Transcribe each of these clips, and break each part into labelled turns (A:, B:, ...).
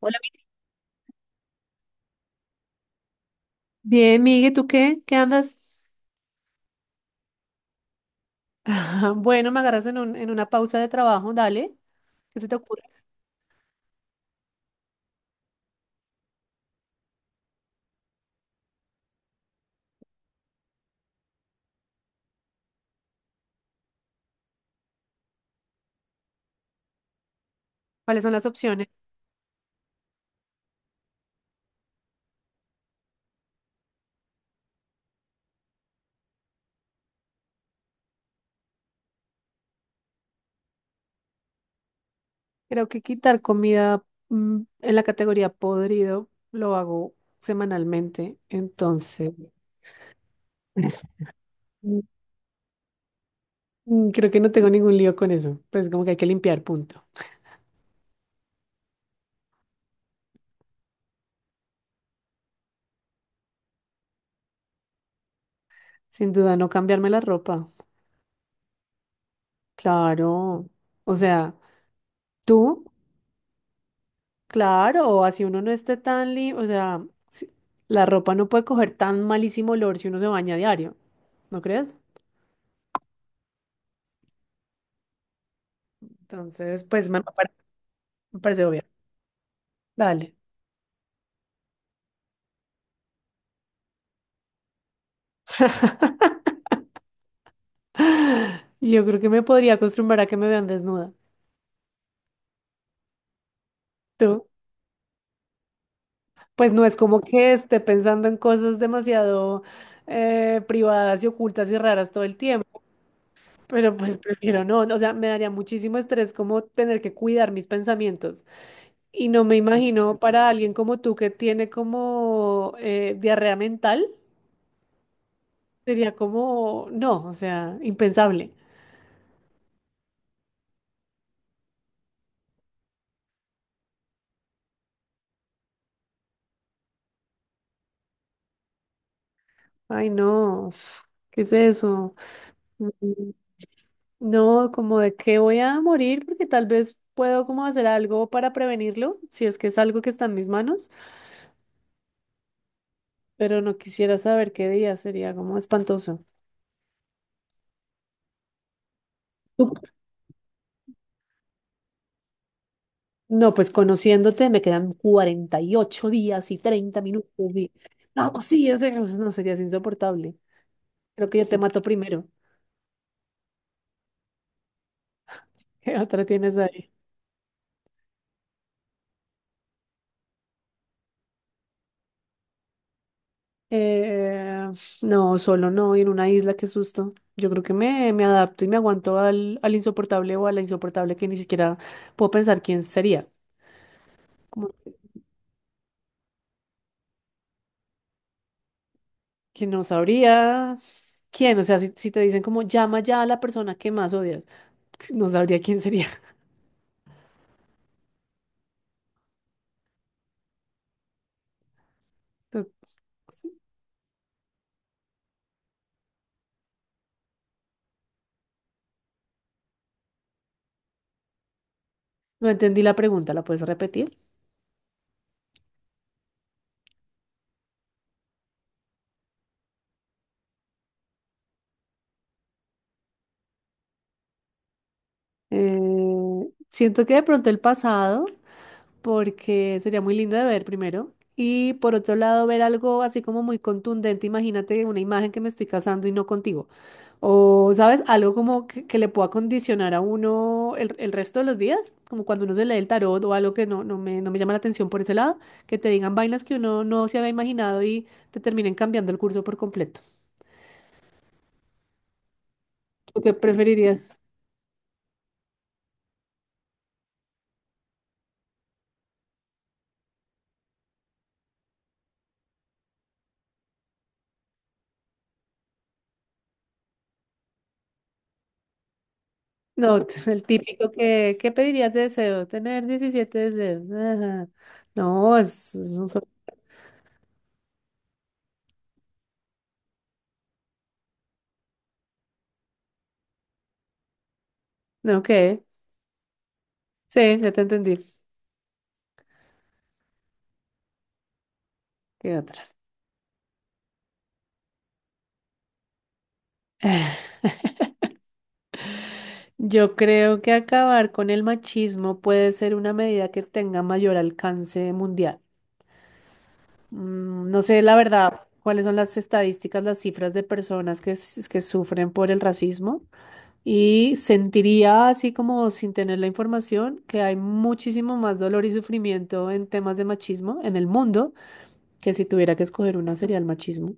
A: Hola, Bien, Migue, ¿tú qué? ¿Qué andas? Bueno, me agarras en una pausa de trabajo, dale. ¿Qué se te ocurre? ¿Cuáles son las opciones? Creo que quitar comida en la categoría podrido lo hago semanalmente, entonces Eso. mm, creo que no tengo ningún lío con eso. Pues como que hay que limpiar, punto. Sin duda, no cambiarme la ropa. Claro. O sea, ¿tú? Claro, o así uno no esté tan limpio, o sea, la ropa no puede coger tan malísimo olor si uno se baña a diario, ¿no crees? Entonces, pues me parece obvio. Dale. Yo creo que me podría acostumbrar a que me vean desnuda. ¿Tú? Pues no es como que esté pensando en cosas demasiado privadas y ocultas y raras todo el tiempo, pero pues prefiero no, o sea, me daría muchísimo estrés como tener que cuidar mis pensamientos. Y no me imagino para alguien como tú que tiene como diarrea mental, sería como, no, o sea, impensable. Ay, no, ¿qué es eso? Mm, no, como de qué voy a morir porque tal vez puedo como hacer algo para prevenirlo, si es que es algo que está en mis manos, pero no quisiera saber qué día, sería como espantoso. Tú- No, pues conociéndote me quedan 48 días y 30 minutos y no, pues sí, no, sería insoportable. Creo que yo te mato primero. ¿Qué otra tienes ahí? Eh, no, solo no, y en una isla, qué susto. Yo creo que me adapto y me aguanto al insoportable o a la insoportable que ni siquiera puedo pensar quién sería. Como que no sabría quién. O sea, si te dicen como llama ya a la persona que más odias, no sabría quién sería. No, no entendí la pregunta, ¿la puedes repetir? Siento que de pronto el pasado, porque sería muy lindo de ver primero. Y por otro lado, ver algo así como muy contundente. Imagínate una imagen que me estoy casando y no contigo. O, ¿sabes? Algo como que, le pueda condicionar a uno el resto de los días. Como cuando uno se lee el tarot o algo que no me llama la atención por ese lado. Que te digan vainas que uno no se había imaginado y te terminen cambiando el curso por completo. ¿Tú qué preferirías? No, el típico que, ¿qué pedirías de deseo? Tener 17 deseos. Ajá. No, es un solo. No, ¿qué? Sí, ya te entendí. ¿Qué otra? Yo creo que acabar con el machismo puede ser una medida que tenga mayor alcance mundial. No sé, la verdad, cuáles son las estadísticas, las cifras de personas que sufren por el racismo. Y sentiría, así como sin tener la información, que hay muchísimo más dolor y sufrimiento en temas de machismo en el mundo que si tuviera que escoger una sería el machismo.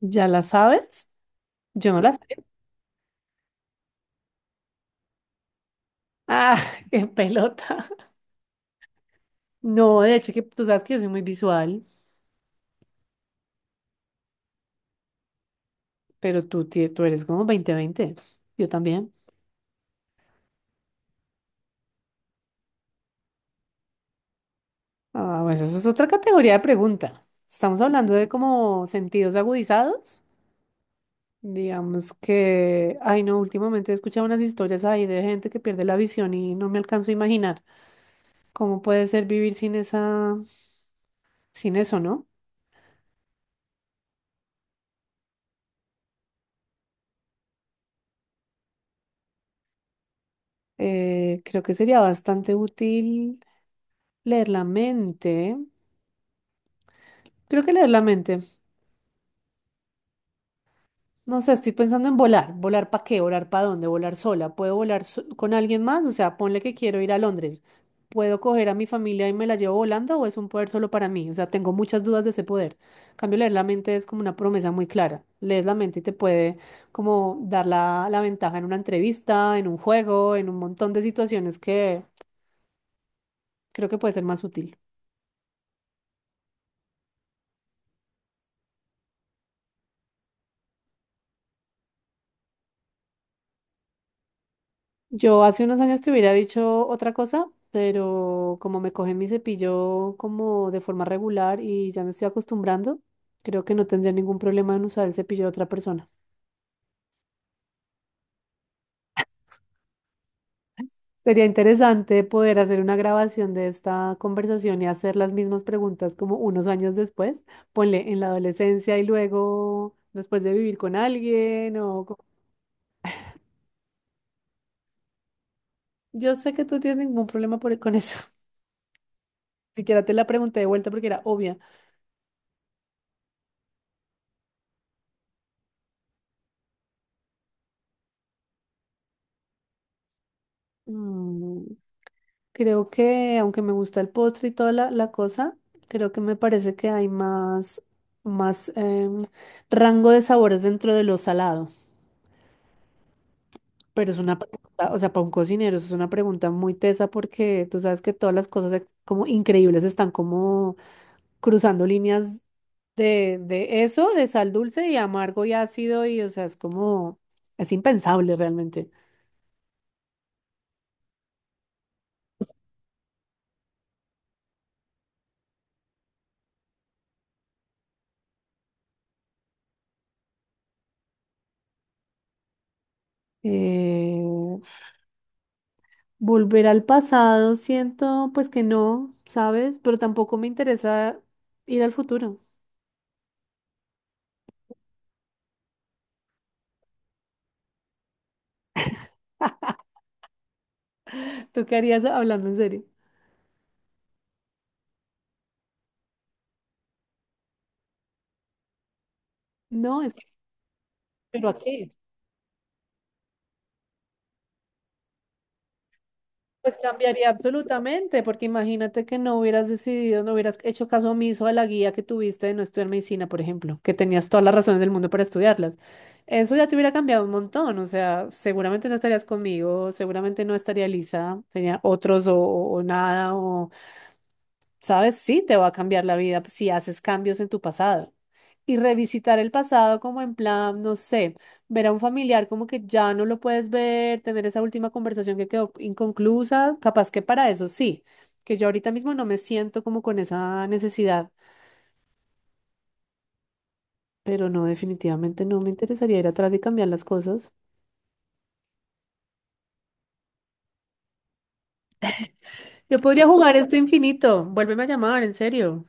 A: ¿Ya la sabes? Yo no la sé. Ah, qué pelota. No, de hecho, que tú sabes que yo soy muy visual, pero tú eres como 20-20. Yo también. Ah, pues eso es otra categoría de pregunta. Estamos hablando de como sentidos agudizados. Digamos que, ay no, últimamente he escuchado unas historias ahí de gente que pierde la visión y no me alcanzo a imaginar cómo puede ser vivir sin esa, sin eso, ¿no? Creo que sería bastante útil leer la mente. Creo que leer la mente. No sé, estoy pensando en volar. ¿Volar para qué? ¿Volar para dónde? ¿Volar sola? ¿Puedo volar con alguien más? O sea, ponle que quiero ir a Londres. ¿Puedo coger a mi familia y me la llevo volando o es un poder solo para mí? O sea, tengo muchas dudas de ese poder. En cambio, leer la mente es como una promesa muy clara. Lees la mente y te puede como dar la, ventaja en una entrevista, en un juego, en un montón de situaciones que creo que puede ser más útil. Yo hace unos años te hubiera dicho otra cosa, pero como me coge mi cepillo como de forma regular y ya me estoy acostumbrando, creo que no tendría ningún problema en usar el cepillo de otra persona. Sería interesante poder hacer una grabación de esta conversación y hacer las mismas preguntas como unos años después, ponle en la adolescencia y luego después de vivir con alguien. Yo sé que tú tienes ningún problema con eso. Siquiera te la pregunté de vuelta porque era obvia. Mm. Creo que, aunque me gusta el postre y toda la, cosa, creo que me parece que hay más rango de sabores dentro de lo salado. Pero es una pregunta, o sea, para un cocinero, eso es una pregunta muy tesa porque tú sabes que todas las cosas como increíbles están como cruzando líneas de eso, de sal dulce y amargo y ácido, y o sea, es como, es impensable realmente. Eh, Volver al pasado, siento pues que no, ¿sabes? Pero tampoco me interesa ir al futuro. ¿Tú qué harías hablando en serio? No, es que, ¿pero a qué? Pues cambiaría absolutamente, porque imagínate que no hubieras decidido, no hubieras hecho caso omiso a la guía que tuviste de no estudiar medicina, por ejemplo, que tenías todas las razones del mundo para estudiarlas. Eso ya te hubiera cambiado un montón, o sea, seguramente no estarías conmigo, seguramente no estaría Lisa, tenía otros o nada, o ¿sabes? Sí, te va a cambiar la vida si haces cambios en tu pasado. Y revisitar el pasado como en plan, no sé, ver a un familiar como que ya no lo puedes ver, tener esa última conversación que quedó inconclusa, capaz que para eso sí, que yo ahorita mismo no me siento como con esa necesidad, pero no, definitivamente no me interesaría ir atrás y cambiar las cosas. Yo podría jugar esto infinito, vuélveme a llamar, en serio,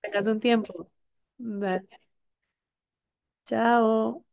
A: tengas un tiempo. Vale, chao.